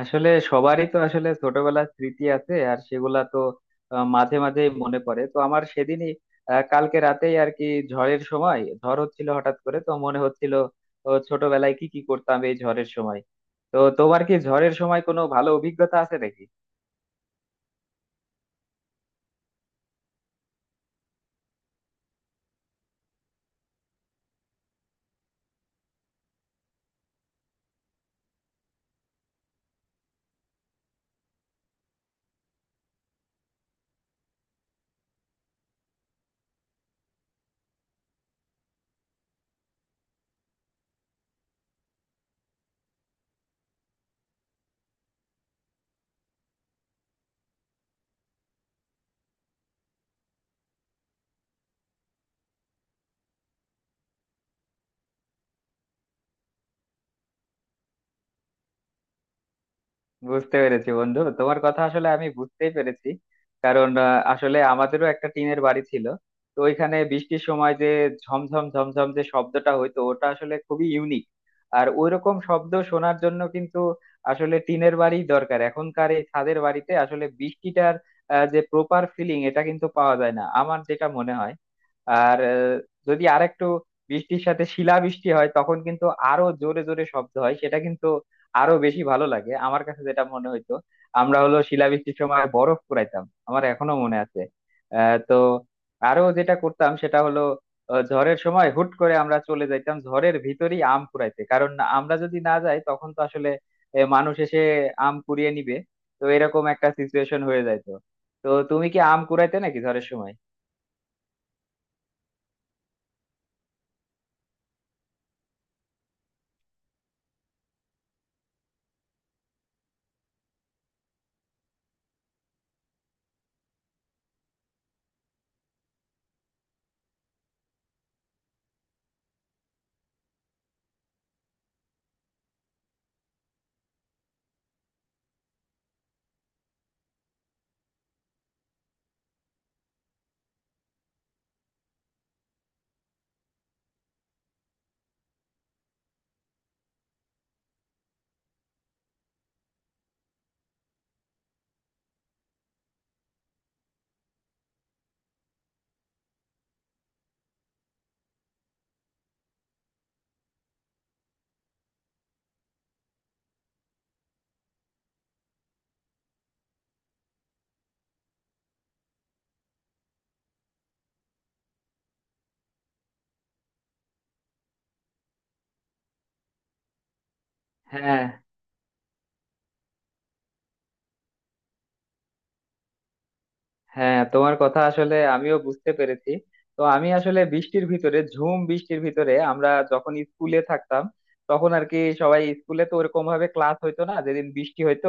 আসলে সবারই তো আসলে ছোটবেলার স্মৃতি আছে, আর সেগুলা তো মাঝে মাঝে মনে পড়ে। তো আমার সেদিনই কালকে রাতেই আর কি ঝড়ের সময় ঝড় হচ্ছিল, হঠাৎ করে তো মনে হচ্ছিল ছোটবেলায় কি কি করতাম এই ঝড়ের সময়। তো তোমার কি ঝড়ের সময় কোনো ভালো অভিজ্ঞতা আছে নাকি? বুঝতে পেরেছি বন্ধু, তোমার কথা আসলে আমি বুঝতেই পেরেছি। কারণ আসলে আমাদেরও একটা টিনের বাড়ি ছিল। তো ওইখানে বৃষ্টির সময় যে ঝমঝম ঝমঝম যে শব্দটা হইতো, ওটা আসলে খুবই ইউনিক। আর ওইরকম শব্দ শোনার জন্য কিন্তু আসলে টিনের বাড়ি দরকার। এখনকার এই ছাদের বাড়িতে আসলে বৃষ্টিটার যে প্রপার ফিলিং, এটা কিন্তু পাওয়া যায় না আমার যেটা মনে হয়। আর যদি আরেকটু বৃষ্টির সাথে শিলা বৃষ্টি হয়, তখন কিন্তু আরো জোরে জোরে শব্দ হয়। সেটা কিন্তু আরো বেশি ভালো লাগে আমার কাছে, যেটা মনে হইতো। আমরা হলো শিলাবৃষ্টির সময় বরফ কুড়াইতাম, আমার এখনো মনে আছে। আহ তো আরো যেটা করতাম সেটা হলো ঝড়ের সময় হুট করে আমরা চলে যাইতাম ঝড়ের ভিতরেই আম কুড়াইতে। কারণ আমরা যদি না যাই তখন তো আসলে মানুষ এসে আম কুড়িয়ে নিবে। তো এরকম একটা সিচুয়েশন হয়ে যাইতো। তো তুমি কি আম কুড়াইতে নাকি ঝড়ের সময়? হ্যাঁ, হ্যাঁ, তোমার কথা আসলে আমিও বুঝতে পেরেছি। তো আমি আসলে বৃষ্টির ভিতরে, ঝুম বৃষ্টির ভিতরে আমরা যখন স্কুলে থাকতাম, তখন আর কি সবাই স্কুলে তো ওরকম ভাবে ক্লাস হইতো না যেদিন বৃষ্টি হইতো।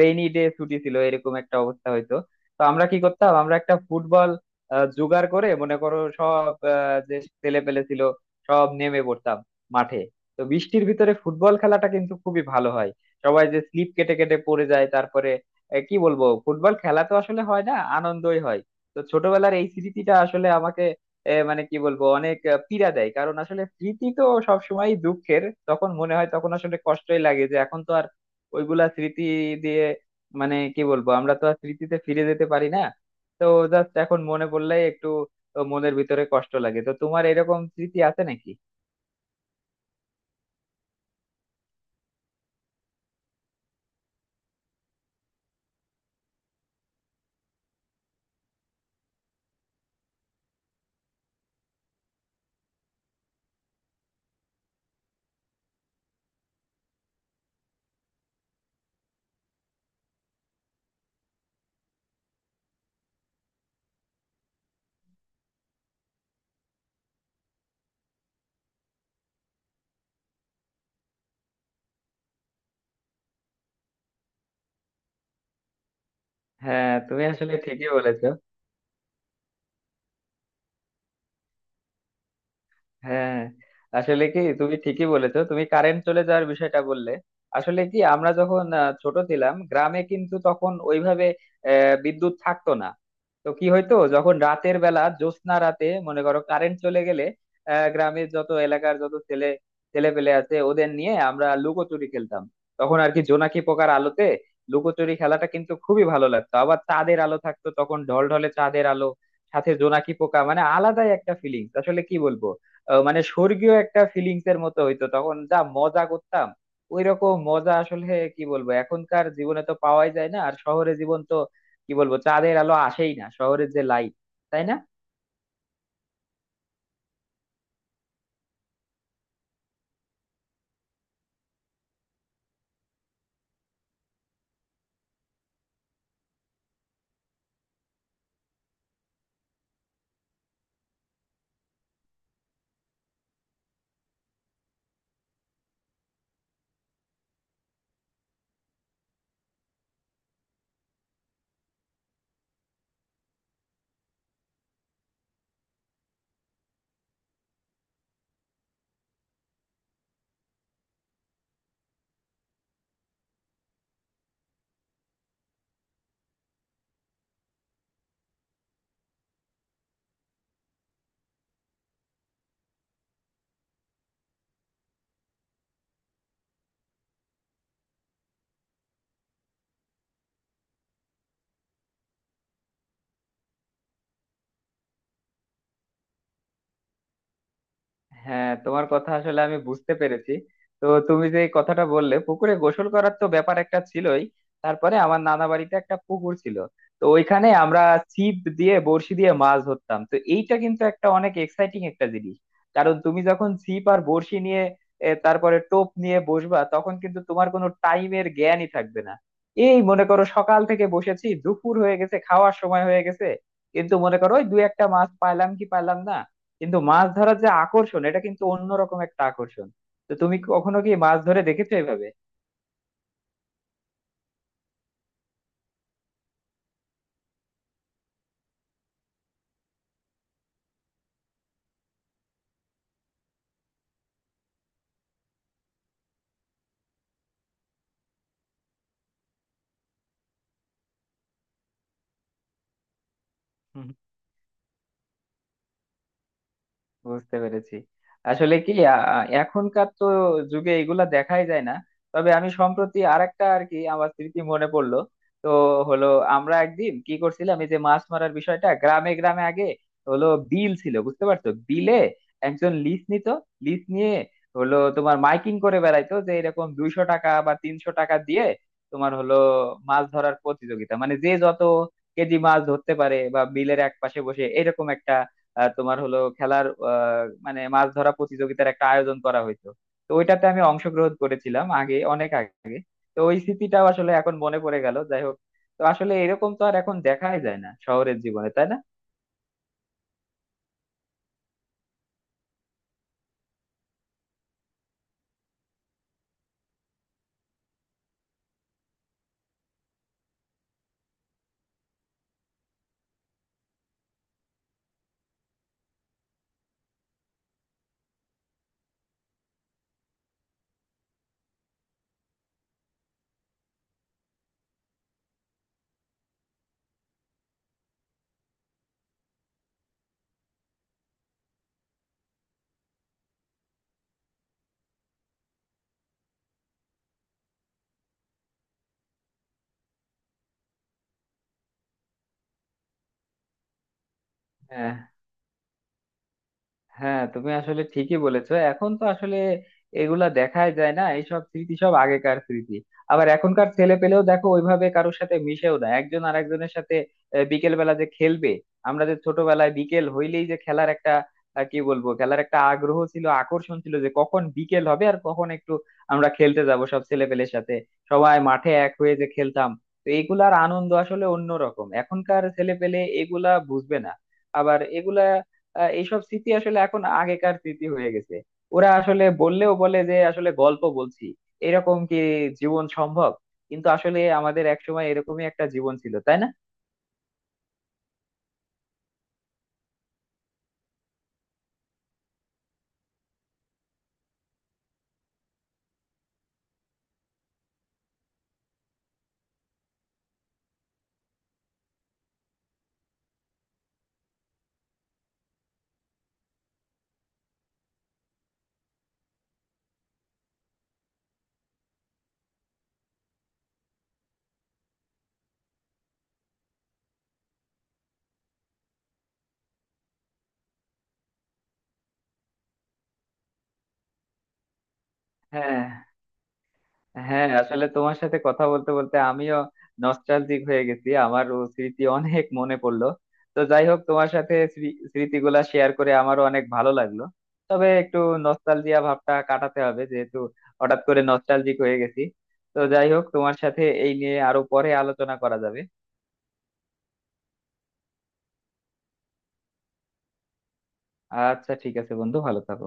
রেইনি ডে, ছুটি ছিল, এরকম একটা অবস্থা হইতো। তো আমরা কি করতাম, আমরা একটা ফুটবল জোগাড় করে মনে করো সব যে ছেলে পেলে ছিল, সব নেমে পড়তাম মাঠে। তো বৃষ্টির ভিতরে ফুটবল খেলাটা কিন্তু খুবই ভালো হয়। সবাই যে স্লিপ কেটে কেটে পড়ে যায়, তারপরে কি বলবো, ফুটবল খেলা তো আসলে হয় না, আনন্দই হয়। তো ছোটবেলার এই স্মৃতিটা আসলে আমাকে মানে কি বলবো অনেক পীড়া দেয়। কারণ আসলে স্মৃতি তো সবসময় দুঃখের। তখন মনে হয় তখন আসলে কষ্টই লাগে যে এখন তো আর ওইগুলা স্মৃতি দিয়ে মানে কি বলবো, আমরা তো আর স্মৃতিতে ফিরে যেতে পারি না। তো জাস্ট এখন মনে পড়লেই একটু মনের ভিতরে কষ্ট লাগে। তো তোমার এরকম স্মৃতি আছে নাকি? হ্যাঁ, তুমি আসলে ঠিকই বলেছো। হ্যাঁ, আসলে কি তুমি ঠিকই বলেছো, তুমি কারেন্ট চলে যাওয়ার বিষয়টা বললে। আসলে কি আমরা যখন ছোট ছিলাম গ্রামে, কিন্তু তখন ওইভাবে বিদ্যুৎ থাকতো না। তো কি হয়তো যখন রাতের বেলা জ্যোৎস্না রাতে মনে করো কারেন্ট চলে গেলে গ্রামের যত এলাকার যত ছেলে ছেলে পেলে আছে ওদের নিয়ে আমরা লুকোচুরি খেলতাম। তখন আর কি জোনাকি পোকার আলোতে লুকোচুরি খেলাটা কিন্তু খুবই ভালো লাগতো। আবার চাঁদের আলো থাকতো তখন, ঢলঢলে চাঁদের আলো সাথে জোনাকি পোকা, মানে আলাদাই একটা ফিলিংস আসলে কি বলবো মানে স্বর্গীয় একটা ফিলিংস এর মতো হইতো। তখন যা মজা করতাম, ওই রকম মজা আসলে কি বলবো এখনকার জীবনে তো পাওয়াই যায় না। আর শহরে জীবন তো কি বলবো, চাঁদের আলো আসেই না শহরের যে লাইট, তাই না? হ্যাঁ, তোমার কথা আসলে আমি বুঝতে পেরেছি। তো তুমি যে এই কথাটা বললে পুকুরে গোসল করার, তো ব্যাপার একটা ছিলই। তারপরে আমার নানা বাড়িতে একটা পুকুর ছিল। তো ওইখানে আমরা ছিপ দিয়ে বড়শি দিয়ে মাছ ধরতাম। তো এইটা কিন্তু একটা অনেক এক্সাইটিং একটা জিনিস। কারণ তুমি যখন ছিপ আর বড়শি নিয়ে তারপরে টোপ নিয়ে বসবা, তখন কিন্তু তোমার কোনো টাইমের জ্ঞানই থাকবে না। এই মনে করো সকাল থেকে বসেছি, দুপুর হয়ে গেছে, খাওয়ার সময় হয়ে গেছে, কিন্তু মনে করো ওই দু একটা মাছ পাইলাম কি পাইলাম না। কিন্তু মাছ ধরার যে আকর্ষণ, এটা কিন্তু অন্যরকম একটা আকর্ষণ। তো তুমি কখনো কি মাছ ধরে দেখেছো এভাবে? বুঝতে পেরেছি। আসলে কি এখনকার তো যুগে এগুলা দেখাই যায় না। তবে আমি সম্প্রতি আরেকটা আর কি আমার স্মৃতি মনে পড়লো। তো হলো, আমরা একদিন কি করছিলাম, এই যে মাছ মারার বিষয়টা গ্রামে গ্রামে আগে হলো বিল ছিল, বুঝতে পারছো? বিলে একজন লিস নিত, লিস নিয়ে হলো তোমার মাইকিং করে বেড়াইতো যে এরকম 200 টাকা বা 300 টাকা দিয়ে তোমার হলো মাছ ধরার প্রতিযোগিতা, মানে যে যত কেজি মাছ ধরতে পারে বা বিলের এক পাশে বসে এরকম তোমার হলো খেলার মানে মাছ ধরা প্রতিযোগিতার একটা আয়োজন করা হইতো। তো ওইটাতে আমি অংশগ্রহণ করেছিলাম, আগে অনেক আগে। তো ওই স্মৃতিটাও আসলে এখন মনে পড়ে গেল। যাই হোক, তো আসলে এরকম তো আর এখন দেখাই যায় না শহরের জীবনে, তাই না? হ্যাঁ, হ্যাঁ, তুমি আসলে ঠিকই বলেছো, এখন তো আসলে এগুলা দেখাই যায় না। এইসব স্মৃতি সব আগেকার স্মৃতি। আবার এখনকার ছেলে পেলেও দেখো ওইভাবে কারোর সাথে মিশেও না একজন আরেকজনের সাথে। বিকেল বেলা যে খেলবে, আমরা যে ছোটবেলায় বিকেল হইলেই যে খেলার একটা কি বলবো খেলার একটা আগ্রহ ছিল, আকর্ষণ ছিল যে কখন বিকেল হবে আর কখন একটু আমরা খেলতে যাব সব ছেলে পেলের সাথে, সবাই মাঠে এক হয়ে যে খেলতাম। তো এগুলার আনন্দ আসলে অন্যরকম। এখনকার ছেলে পেলে এগুলা বুঝবে না। আবার এগুলা এইসব স্মৃতি আসলে এখন আগেকার স্মৃতি হয়ে গেছে। ওরা আসলে বললেও বলে যে আসলে গল্প বলছি, এরকম কি জীবন সম্ভব? কিন্তু আসলে আমাদের একসময় এরকমই একটা জীবন ছিল, তাই না? হ্যাঁ, হ্যাঁ, আসলে তোমার সাথে কথা বলতে বলতে আমিও নস্টালজিক হয়ে গেছি, আমারও স্মৃতি অনেক মনে পড়লো। তো যাই হোক, তোমার সাথে স্মৃতিগুলা শেয়ার করে আমারও অনেক ভালো লাগলো। তবে একটু নস্টালজিয়া ভাবটা কাটাতে হবে, যেহেতু হঠাৎ করে নস্টালজিক হয়ে গেছি। তো যাই হোক, তোমার সাথে এই নিয়ে আরো পরে আলোচনা করা যাবে। আচ্ছা, ঠিক আছে বন্ধু, ভালো থাকো।